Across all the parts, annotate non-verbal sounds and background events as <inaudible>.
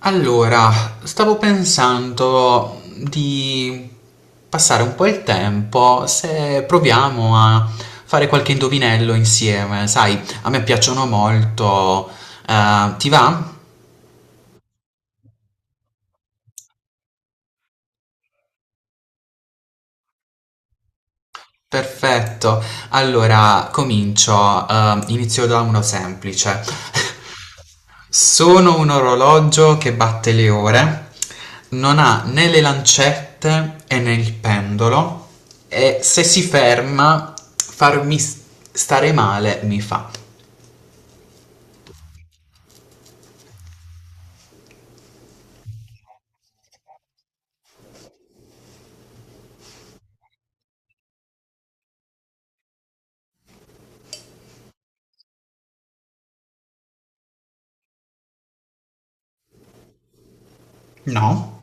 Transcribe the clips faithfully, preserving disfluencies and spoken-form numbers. Allora, stavo pensando di passare un po' il tempo se proviamo a fare qualche indovinello insieme. Sai, a me piacciono molto. Eh, ti va? Perfetto. Allora, comincio. Eh, inizio da uno semplice. Sono un orologio che batte le ore, non ha né le lancette e né il pendolo e se si ferma farmi s- stare male mi fa. No,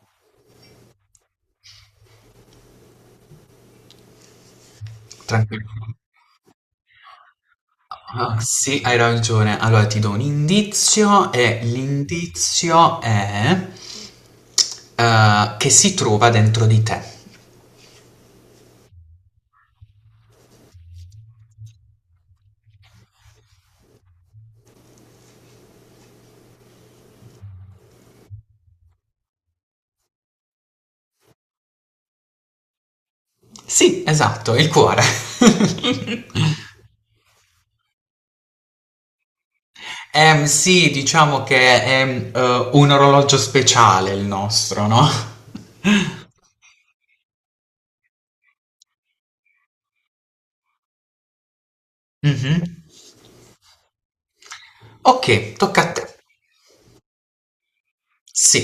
tranquillo. Ah, sì, hai ragione. Allora ti do un indizio e l'indizio è eh, che si trova dentro di te. Sì, esatto, il cuore. <laughs> Ehm, sì, diciamo che è ehm, eh, un orologio speciale il nostro, no? Mhm. Ok, tocca a te. Sì,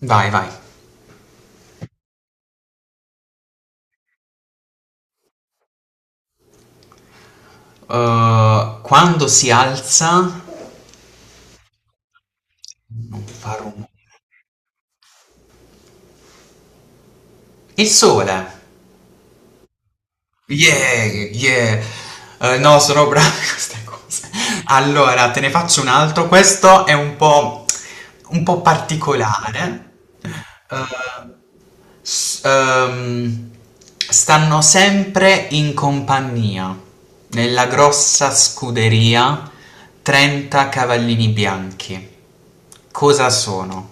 vai, vai. Eh, quando si alza, non fa rumore. Il sole. Yeah, yeah. Eh, no, sono brava in queste cose. Allora, te ne faccio un altro. Questo è un po', Un po' particolare. Eh, s- ehm, Stanno sempre in compagnia, nella grossa scuderia, trenta cavallini bianchi. Cosa sono?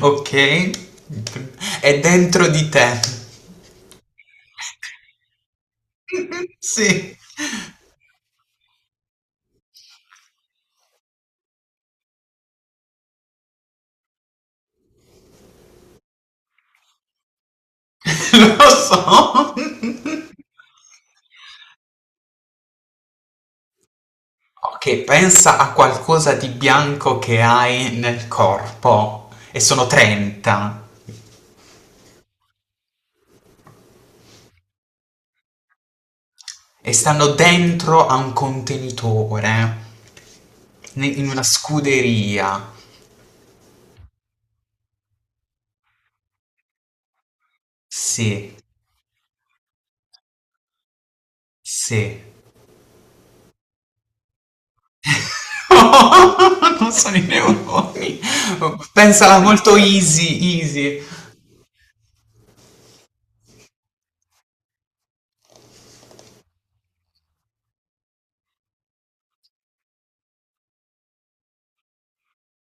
Ok? È dentro di te. Sì, <laughs> lo so. Ok, pensa a qualcosa di bianco che hai nel corpo e sono trenta e stanno dentro a un contenitore ne- in una scuderia. Sì, sì. <laughs> Non sono i neuroni. Pensala molto easy, easy.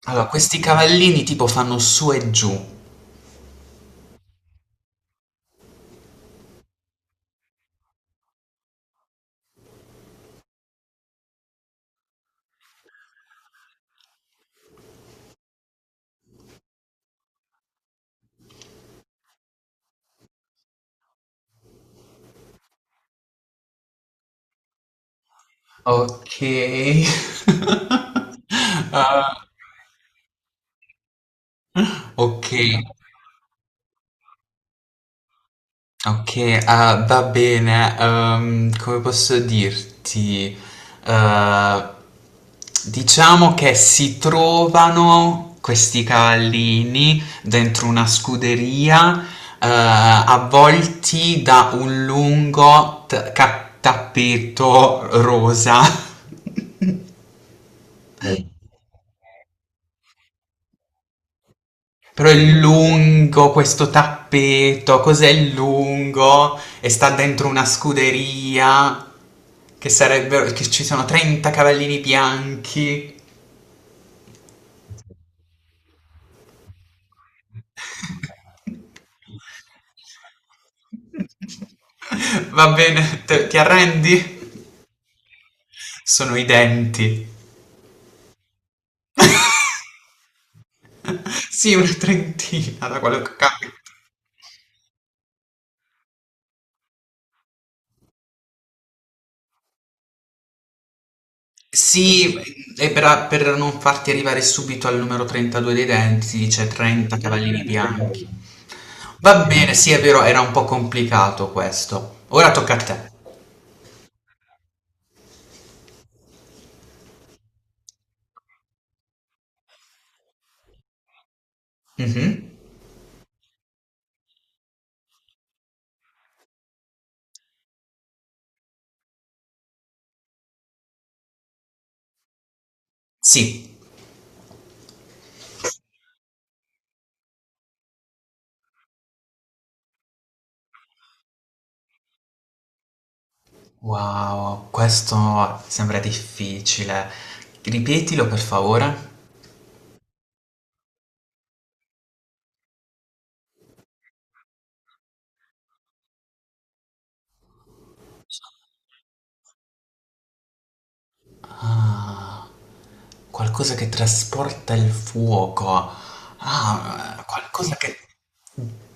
Allora, questi cavallini tipo fanno su e giù. Ok. <laughs> Ah, ok. Okay, ah, va bene, ehm, come posso dirti? Eh, diciamo che si trovano questi cavallini dentro una scuderia, eh, avvolti da un lungo t- ca- tappeto rosa. <laughs> Però è lungo questo tappeto, cos'è lungo? E sta dentro una scuderia, che sarebbero, che ci sono trenta cavallini bianchi. <laughs> Va bene, te- ti arrendi? Sono i denti. <laughs> Sì, una trentina da quello che ho capito. Sì, e per, per non farti arrivare subito al numero trentadue dei denti, dice trenta cavallini bianchi. Va bene, sì, è vero, era un po' complicato questo. Ora tocca a te. Mhm. Sì. Wow, questo sembra difficile. Ripetilo per favore. Ah, qualcosa che trasporta il fuoco. Ah, qualcosa che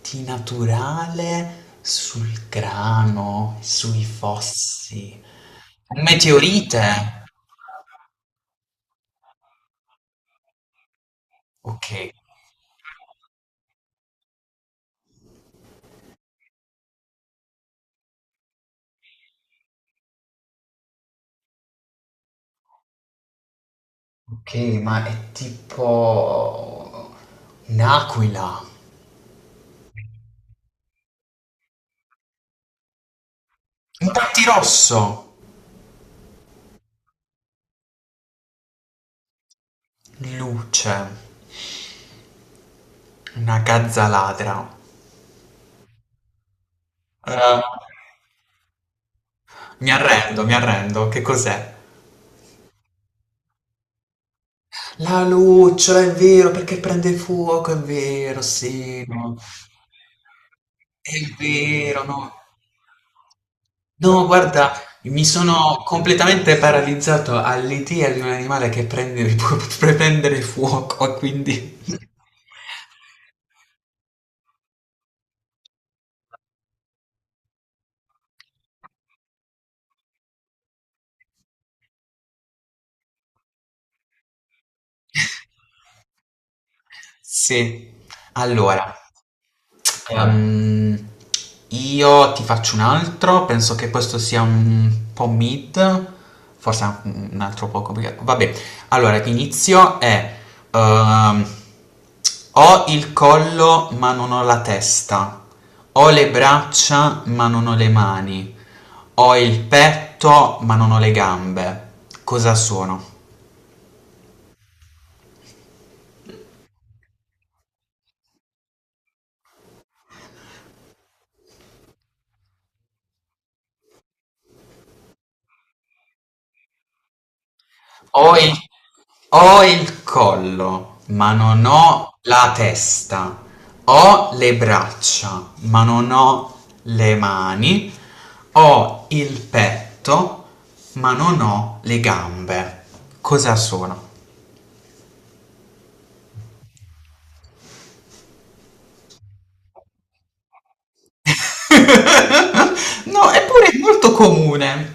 di naturale sul grano, sui fossi. Un meteorite. Ok. Ok, ma è tipo un'aquila, un rosso luce, una gazza ladra. Eh, mi arrendo, mi arrendo, che cos'è? La lucciola, è vero, perché prende fuoco, è vero, sì, no, è vero, no. No, guarda, mi sono completamente paralizzato all'idea di un animale che prende, <laughs> può prendere fuoco, quindi... <laughs> Sì, allora... Ehm, io ti faccio un altro, penso che questo sia un po' mid, forse anche un un altro po' complicato. Vabbè, allora l'inizio è ehm, ho il collo ma non ho la testa, ho le braccia ma non ho le mani, ho il petto ma non ho le gambe. Cosa sono? Ho il Ho il collo, ma non ho la testa. Ho le braccia, ma non ho le mani. Ho il petto, ma non ho le gambe. Cosa sono? <laughs> No, eppure è molto comune.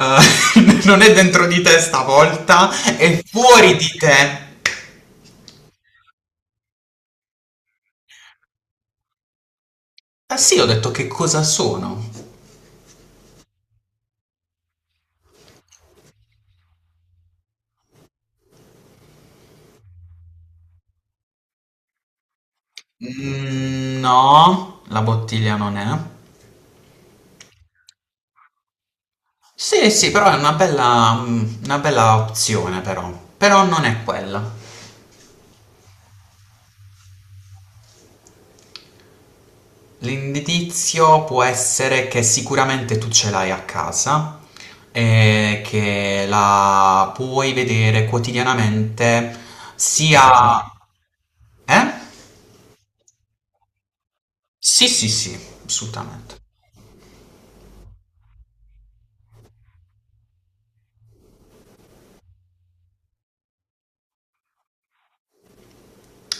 Eh, <laughs> non è dentro di te stavolta, è fuori di te. Eh sì, ho detto che cosa sono. Mm, no, la bottiglia non è. Sì, sì, però è una bella, mm, una bella opzione però. Però non è quella. L'indizio può essere che sicuramente tu ce l'hai a casa e che la puoi vedere quotidianamente sia... Indossarla? Eh? Sì, sì, sì, assolutamente.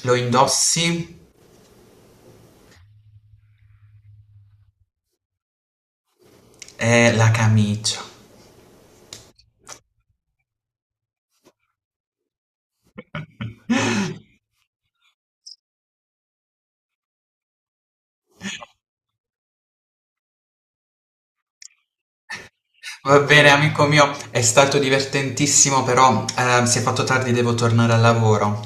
Lo indossi, è la camicia. <laughs> Va bene, amico mio, è stato divertentissimo, però eh, si è fatto tardi, devo tornare al lavoro.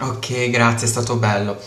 Ok, grazie, è stato bello.